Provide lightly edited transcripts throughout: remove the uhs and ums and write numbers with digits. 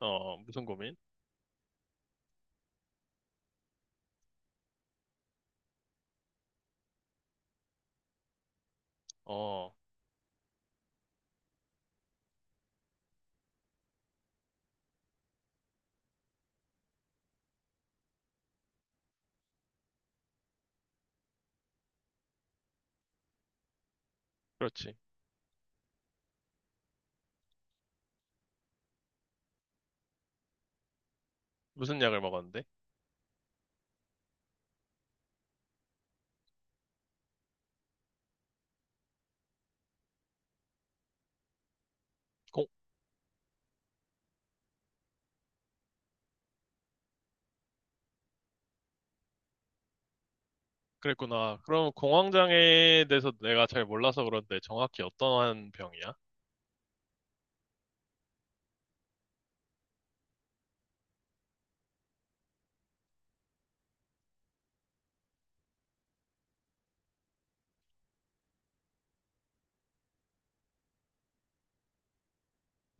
어, 무슨 고민? 어, 그렇지. 무슨 약을 먹었는데? 공, 그랬구나. 그럼 공황장애에 대해서 내가 잘 몰라서 그런데 정확히 어떠한 병이야?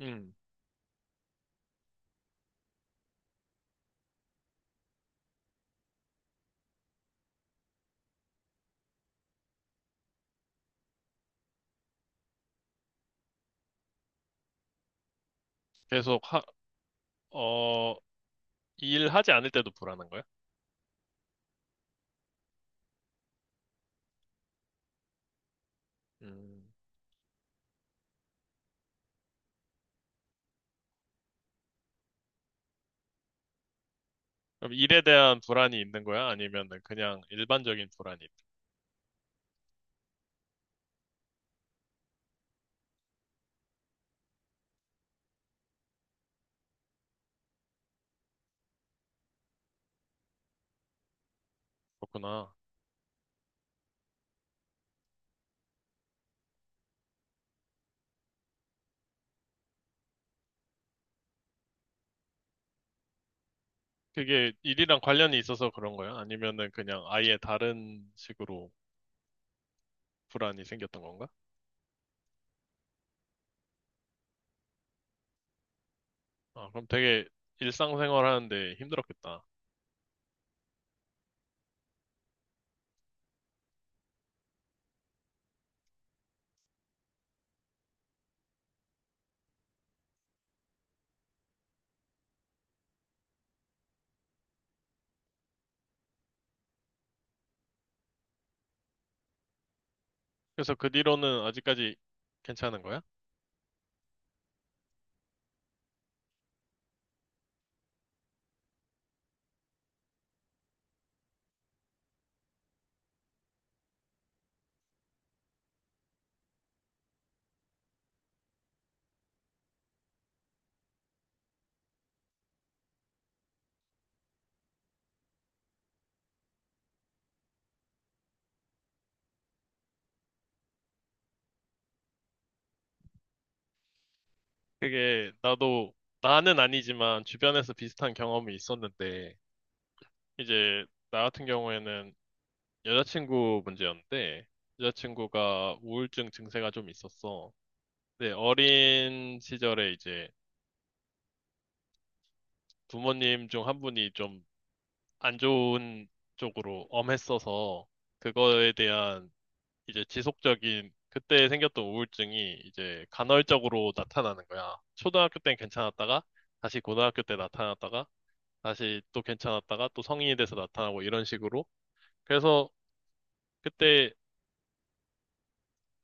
음. 계속 하, 어, 일하지 않을 때도 불안한 거야? 음. 그럼 일에 대한 불안이 있는 거야? 아니면 그냥 일반적인 불안이 있- 그렇구나. 그게 일이랑 관련이 있어서 그런 거야? 아니면은 그냥 아예 다른 식으로 불안이 생겼던 건가? 아, 그럼 되게 일상생활 하는데 힘들었겠다. 그래서 그 뒤로는 아직까지 괜찮은 거야? 그게 나도 나는 아니지만 주변에서 비슷한 경험이 있었는데 이제 나 같은 경우에는 여자친구 문제였는데 여자친구가 우울증 증세가 좀 있었어. 근데 어린 시절에 이제 부모님 중 한 분이 좀 안 좋은 쪽으로 엄했어서 그거에 대한 이제 지속적인 그때 생겼던 우울증이 이제 간헐적으로 나타나는 거야. 초등학교 땐 괜찮았다가 다시 고등학교 때 나타났다가 다시 또 괜찮았다가 또 성인이 돼서 나타나고 이런 식으로. 그래서 그때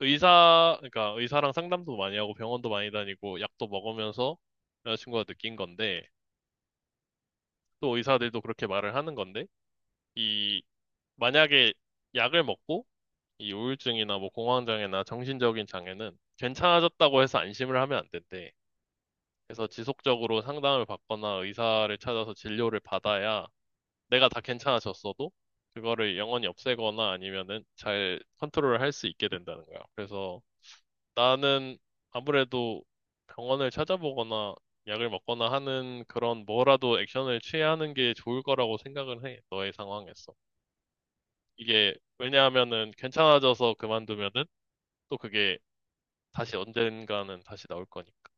의사, 그러니까 의사랑 상담도 많이 하고 병원도 많이 다니고 약도 먹으면서 여자친구가 느낀 건데 또 의사들도 그렇게 말을 하는 건데 이 만약에 약을 먹고 이 우울증이나 뭐 공황장애나 정신적인 장애는 괜찮아졌다고 해서 안심을 하면 안 된대. 그래서 지속적으로 상담을 받거나 의사를 찾아서 진료를 받아야 내가 다 괜찮아졌어도 그거를 영원히 없애거나 아니면은 잘 컨트롤을 할 수 있게 된다는 거야. 그래서 나는 아무래도 병원을 찾아보거나 약을 먹거나 하는 그런 뭐라도 액션을 취해야 하는 게 좋을 거라고 생각을 해. 너의 상황에서. 이게 왜냐하면은 괜찮아져서 그만두면은 또 그게 다시 언젠가는 다시 나올 거니까.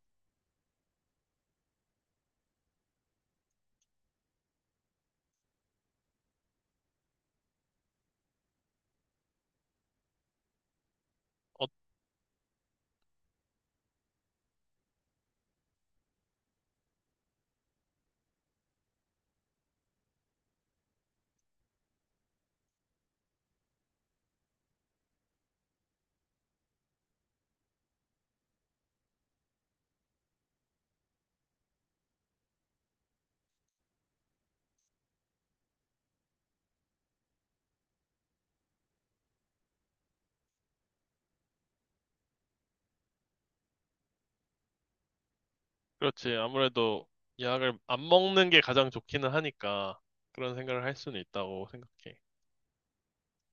그렇지. 아무래도 약을 안 먹는 게 가장 좋기는 하니까 그런 생각을 할 수는 있다고 생각해.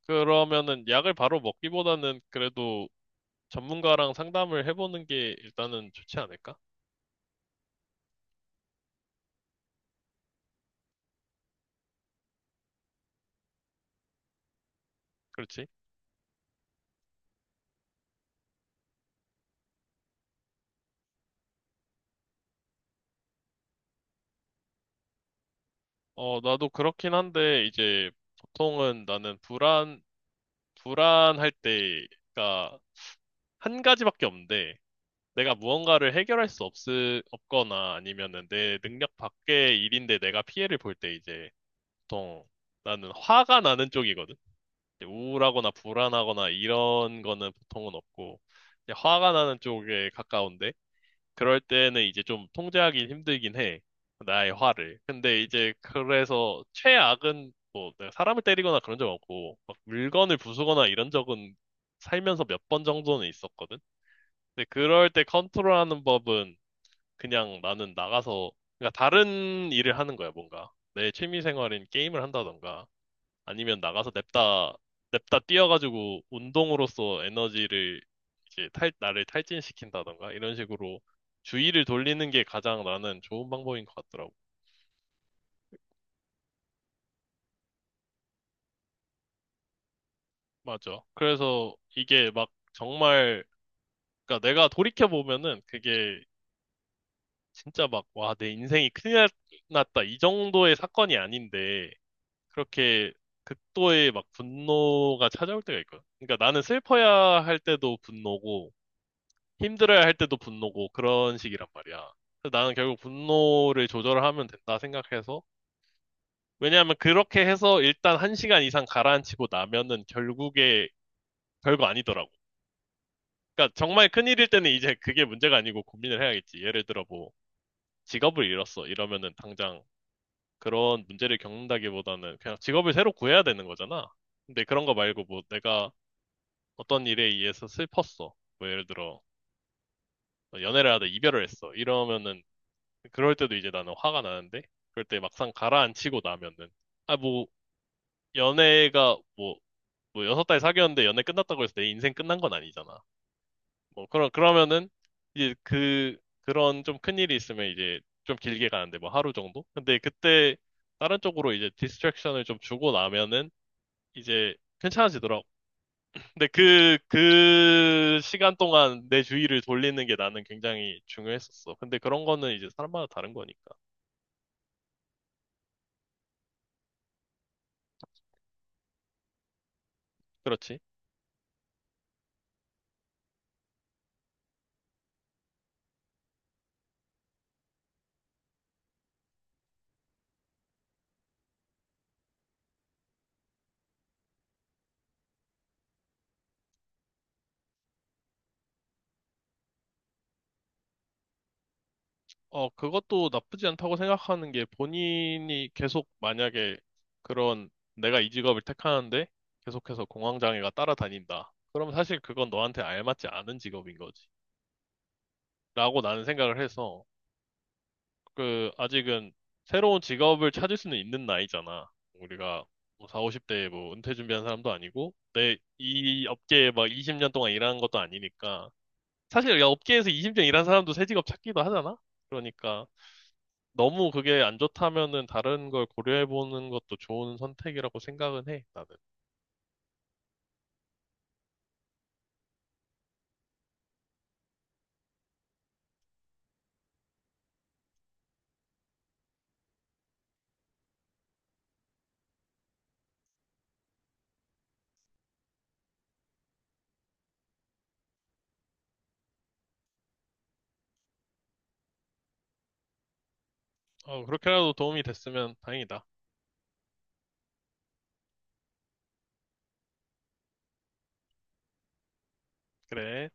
그러면은 약을 바로 먹기보다는 그래도 전문가랑 상담을 해보는 게 일단은 좋지 않을까? 그렇지. 어, 나도 그렇긴 한데 이제 보통은 나는 불안할 때가 한 가지밖에 없는데 내가 무언가를 해결할 수 없거나 아니면은 내 능력 밖의 일인데 내가 피해를 볼 때 이제 보통 나는 화가 나는 쪽이거든. 이제 우울하거나 불안하거나 이런 거는 보통은 없고 이제 화가 나는 쪽에 가까운데 그럴 때는 이제 좀 통제하기 힘들긴 해. 나의 화를. 근데 이제 그래서 최악은 뭐 내가 사람을 때리거나 그런 적 없고 막 물건을 부수거나 이런 적은 살면서 몇 번 정도는 있었거든. 근데 그럴 때 컨트롤하는 법은 그냥 나는 나가서 그러니까 다른 일을 하는 거야, 뭔가. 내 취미 생활인 게임을 한다던가. 아니면 나가서 냅다 뛰어가지고 운동으로써 에너지를 이제 나를 탈진시킨다던가 이런 식으로 주의를 돌리는 게 가장 나는 좋은 방법인 것 같더라고. 맞아. 그래서 이게 막 정말, 그러니까 내가 돌이켜보면은 그게 진짜 막, 와, 내 인생이 큰일 났다. 이 정도의 사건이 아닌데, 그렇게 극도의 막 분노가 찾아올 때가 있거든. 그러니까 나는 슬퍼야 할 때도 분노고, 힘들어야 할 때도 분노고 그런 식이란 말이야. 그래서 나는 결국 분노를 조절하면 된다 생각해서 왜냐하면 그렇게 해서 일단 한 시간 이상 가라앉히고 나면은 결국에 별거 아니더라고. 그러니까 정말 큰일일 때는 이제 그게 문제가 아니고 고민을 해야겠지. 예를 들어 뭐 직업을 잃었어 이러면은 당장 그런 문제를 겪는다기보다는 그냥 직업을 새로 구해야 되는 거잖아. 근데 그런 거 말고 뭐 내가 어떤 일에 의해서 슬펐어. 뭐 예를 들어 연애를 하다 이별을 했어. 이러면은 그럴 때도 이제 나는 화가 나는데, 그럴 때 막상 가라앉히고 나면은, 아, 뭐, 연애가 뭐 여섯 달 사귀었는데 연애 끝났다고 해서 내 인생 끝난 건 아니잖아. 뭐, 그러면은, 이제 그런 좀 큰일이 있으면 이제 좀 길게 가는데, 뭐 하루 정도? 근데 그때 다른 쪽으로 이제 디스트랙션을 좀 주고 나면은, 이제 괜찮아지더라고. 근데 그 시간 동안 내 주의를 돌리는 게 나는 굉장히 중요했었어. 근데 그런 거는 이제 사람마다 다른 거니까. 그렇지. 어, 그것도 나쁘지 않다고 생각하는 게 본인이 계속 만약에 그런 내가 이 직업을 택하는데 계속해서 공황장애가 따라다닌다. 그러면 사실 그건 너한테 알맞지 않은 직업인 거지. 라고 나는 생각을 해서 그 아직은 새로운 직업을 찾을 수는 있는 나이잖아. 우리가 뭐 4, 50대에 뭐 은퇴 준비한 사람도 아니고 내 이 업계에 막 20년 동안 일하는 것도 아니니까 사실 야, 업계에서 20년 일한 사람도 새 직업 찾기도 하잖아. 그러니까 너무 그게 안 좋다면은 다른 걸 고려해보는 것도 좋은 선택이라고 생각은 해, 나는. 어, 그렇게라도 도움이 됐으면 다행이다. 그래.